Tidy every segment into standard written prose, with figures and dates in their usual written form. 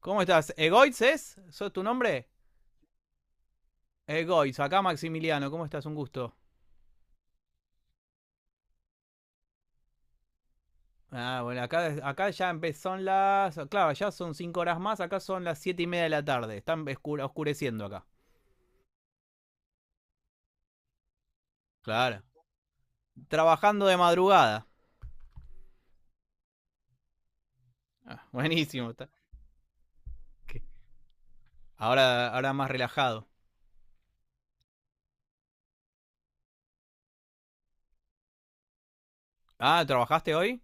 ¿Cómo estás? ¿Egoitz es? ¿Sos tu nombre? Egoitz, acá Maximiliano, ¿cómo estás? Un gusto. Ah, bueno, acá ya empezaron las. Claro, ya son 5 horas más, acá son las 7:30 de la tarde. Están oscureciendo acá. Claro. Trabajando de madrugada. Ah, buenísimo. Ahora más relajado. Ah, ¿trabajaste hoy?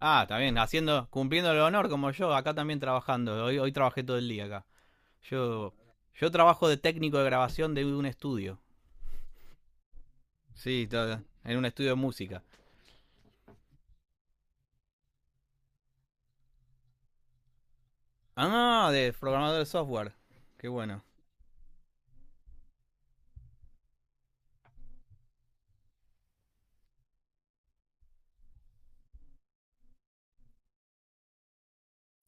Ah, está bien, haciendo, cumpliendo el honor como yo, acá también trabajando. Hoy trabajé todo el día acá. Yo, yo trabajo de técnico de grabación de un estudio. Sí, en un estudio de música. Ah, no, no, no, de programador de software. Qué bueno.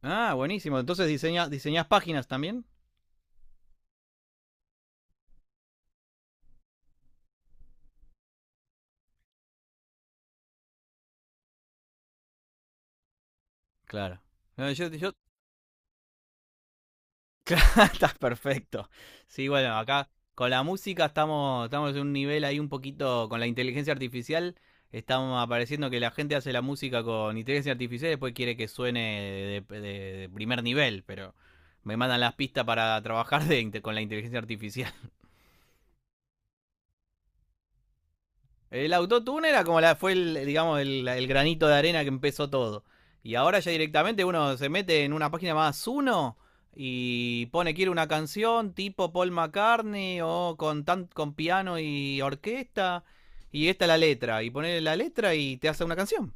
Ah, buenísimo. Entonces diseñas, diseñas páginas también. Claro. No, yo... Claro, está perfecto. Sí, bueno, acá con la música estamos, estamos en un nivel ahí un poquito con la inteligencia artificial. Estamos apareciendo que la gente hace la música con inteligencia artificial y después quiere que suene de primer nivel, pero me mandan las pistas para trabajar con la inteligencia artificial. El autotune era como la, fue el, digamos, el granito de arena que empezó todo. Y ahora ya directamente uno se mete en una página más uno y pone quiere una canción tipo Paul McCartney o con tan, con piano y orquesta y esta es la letra y pone la letra y te hace una canción.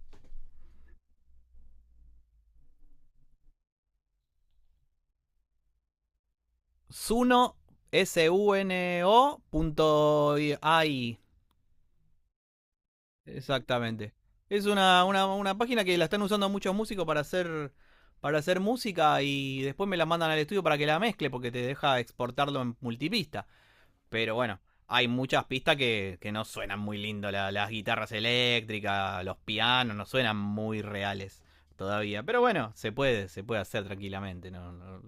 Suno, S U N O punto A I. Exactamente. Es una página que la están usando muchos músicos para hacer música y después me la mandan al estudio para que la mezcle porque te deja exportarlo en multipista. Pero bueno, hay muchas pistas que no suenan muy lindo. Las guitarras eléctricas, los pianos, no suenan muy reales todavía. Pero bueno, se puede hacer tranquilamente. No, no.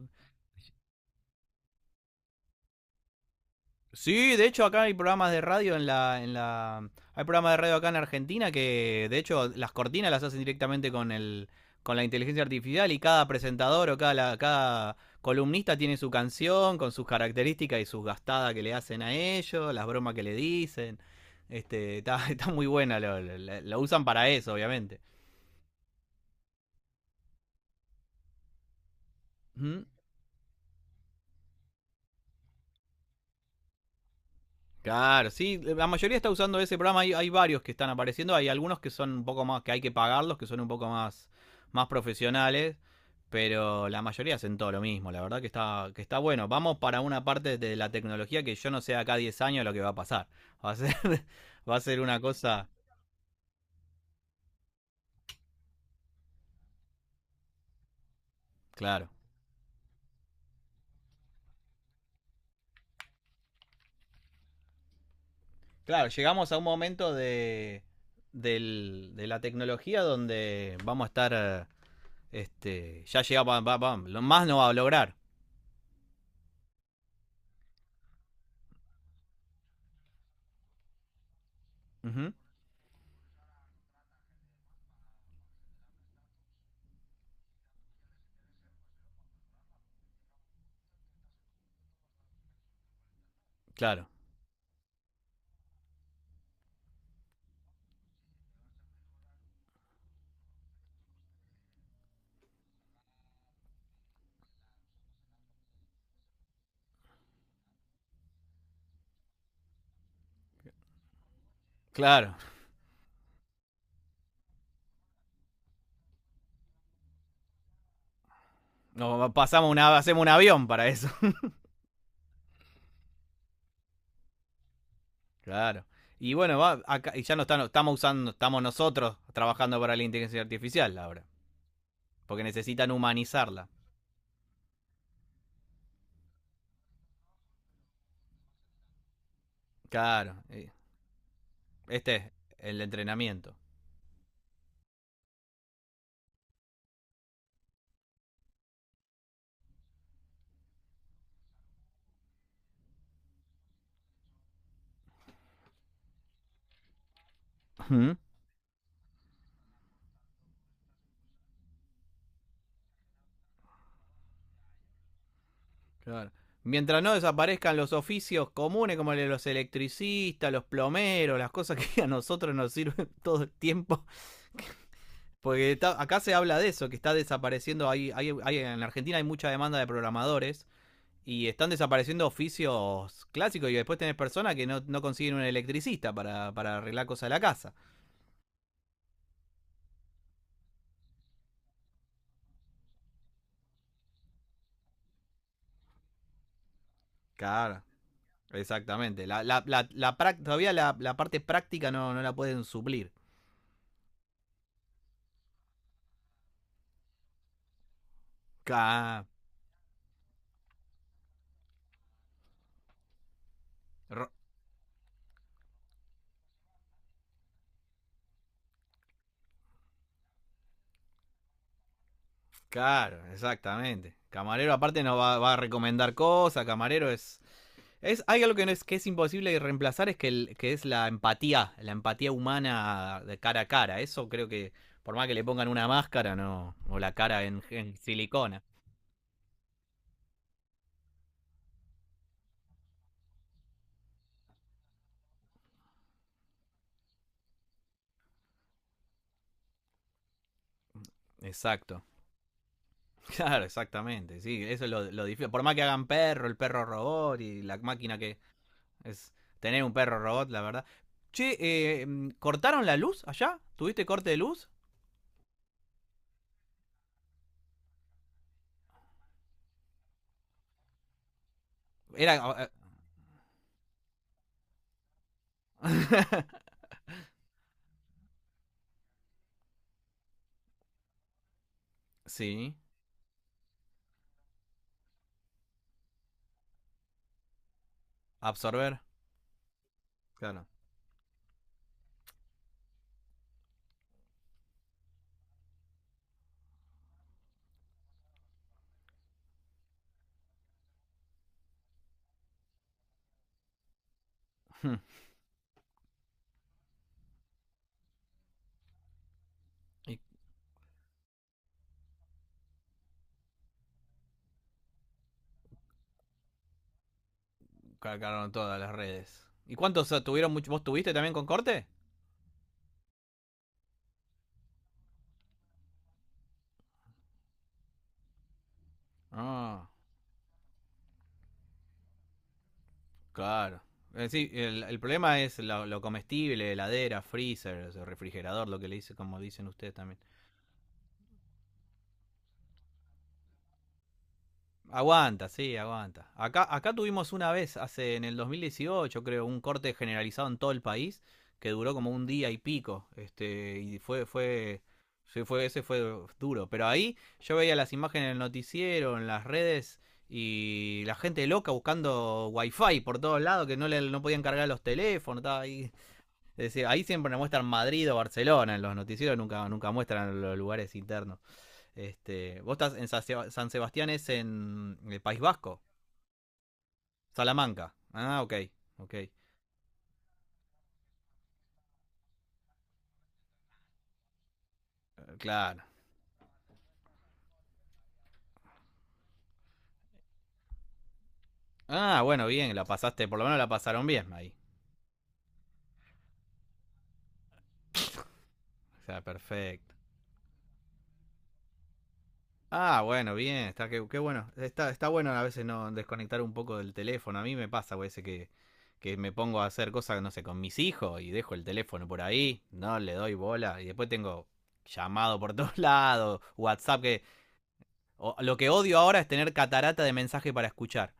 Sí, de hecho acá hay programas de radio Hay programas de radio acá en Argentina que de hecho las cortinas las hacen directamente con el con la inteligencia artificial y cada presentador o cada columnista tiene su canción con sus características y sus gastadas que le hacen a ellos, las bromas que le dicen. Este, está, está muy buena, lo usan para eso, obviamente. Ujú. Claro, sí, la mayoría está usando ese programa, hay varios que están apareciendo, hay algunos que son un poco más, que hay que pagarlos, que son un poco más, más profesionales, pero la mayoría hacen todo lo mismo, la verdad que está bueno. Vamos para una parte de la tecnología que yo no sé acá 10 años lo que va a pasar. Va a ser, va a ser una cosa, claro. Claro, llegamos a un momento de, de la tecnología donde vamos a estar, este, ya llega, lo más no va a lograr. Ujú. Claro, claro. No, pasamos una, hacemos un avión para eso. Claro. Y bueno, va, acá, y ya no están, estamos usando, estamos nosotros trabajando para la inteligencia artificial ahora. Porque necesitan humanizarla. Claro. Este es el entrenamiento. Uh-huh. Claro. Mientras no desaparezcan los oficios comunes como los electricistas, los plomeros, las cosas que a nosotros nos sirven todo el tiempo. Porque está, acá se habla de eso, que está desapareciendo. En Argentina hay mucha demanda de programadores. Y están desapareciendo oficios clásicos y después tenés personas que no, no consiguen un electricista para arreglar cosas de la casa. Claro, exactamente. La todavía la, la parte práctica no, no la pueden suplir. Ca- Claro, exactamente. Camarero aparte nos va, va a recomendar cosas, camarero es... Es, hay algo que, no es, que es imposible de reemplazar, es que, que es la empatía humana de cara a cara. Eso creo que, por más que le pongan una máscara, no, o la cara en silicona. Exacto, claro, exactamente, sí, eso es lo difícil. Por más que hagan perro, el perro robot y la máquina que es tener un perro robot, la verdad. Che, ¿cortaron la luz allá? ¿Tuviste corte de luz? Era... Sí, absorber, claro. Y cargaron todas las redes. ¿Y cuántos ah, tuvieron? Mucho, ¿vos tuviste también con corte? Ah, claro. Sí, el problema es lo comestible, heladera, freezer, o sea, refrigerador, lo que le dice, como dicen ustedes también. Aguanta, sí, aguanta. Acá tuvimos una vez, hace en el 2018, creo, un corte generalizado en todo el país que duró como un día y pico. Este, y fue, fue, sí, fue, ese fue duro. Pero ahí yo veía las imágenes en el noticiero, en las redes y la gente loca buscando wifi por todos lados que no le no podían cargar los teléfonos. Estaba ahí. Es decir, ahí siempre nos muestran Madrid o Barcelona en los noticieros, nunca, nunca muestran los lugares internos. Este, vos estás en San Sebastián, es en el País Vasco, Salamanca. Ah, ok, ok, claro. Ah, bueno, bien, la pasaste, por lo menos la pasaron bien ahí. O sea, perfecto. Ah, bueno, bien, está que, qué bueno. Está, está bueno a veces no desconectar un poco del teléfono. A mí me pasa, güey, ese que me pongo a hacer cosas, no sé, con mis hijos y dejo el teléfono por ahí, no le doy bola y después tengo llamado por todos lados, WhatsApp que lo que odio ahora es tener catarata de mensaje para escuchar.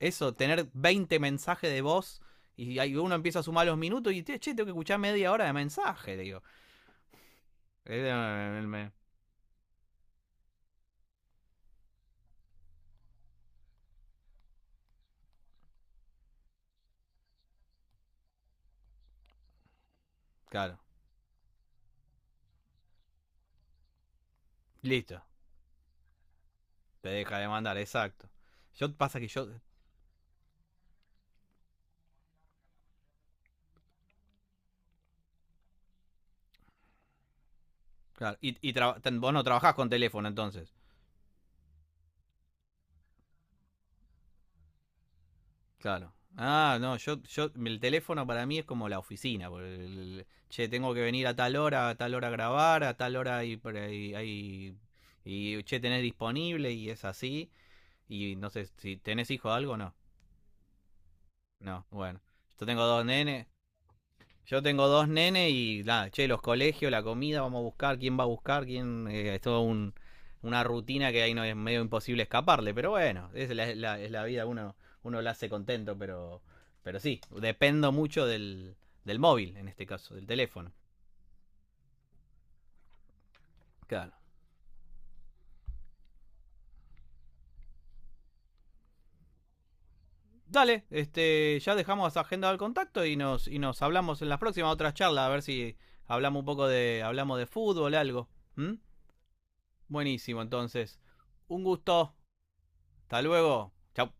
Eso, tener 20 mensajes de voz y ahí uno empieza a sumar los minutos y, che, tengo que escuchar media hora de mensaje, digo. Claro, listo, te deja de mandar, exacto. Yo pasa que yo... Claro, y, vos no trabajás con teléfono entonces. Claro. Ah, no, yo, el teléfono para mí es como la oficina. Por che, tengo que venir a tal hora, a tal hora a grabar, a tal hora y, y che, tenés disponible y es así. Y no sé si tenés hijo o algo, no. No, bueno. Yo tengo 2 nenes. Yo tengo dos nenes y nada, che, los colegios, la comida, vamos a buscar, quién va a buscar, quién. Eh, es todo un, una rutina que ahí no es medio imposible escaparle. Pero bueno, es la, es la vida, uno la hace contento, pero sí, dependo mucho del, del móvil, en este caso, del teléfono. Claro. Dale, este, ya dejamos agenda al contacto y nos hablamos en las próximas otras charlas, a ver si hablamos un poco de, hablamos de fútbol, algo. ¿Mm? Buenísimo, entonces. Un gusto. Hasta luego. Chau.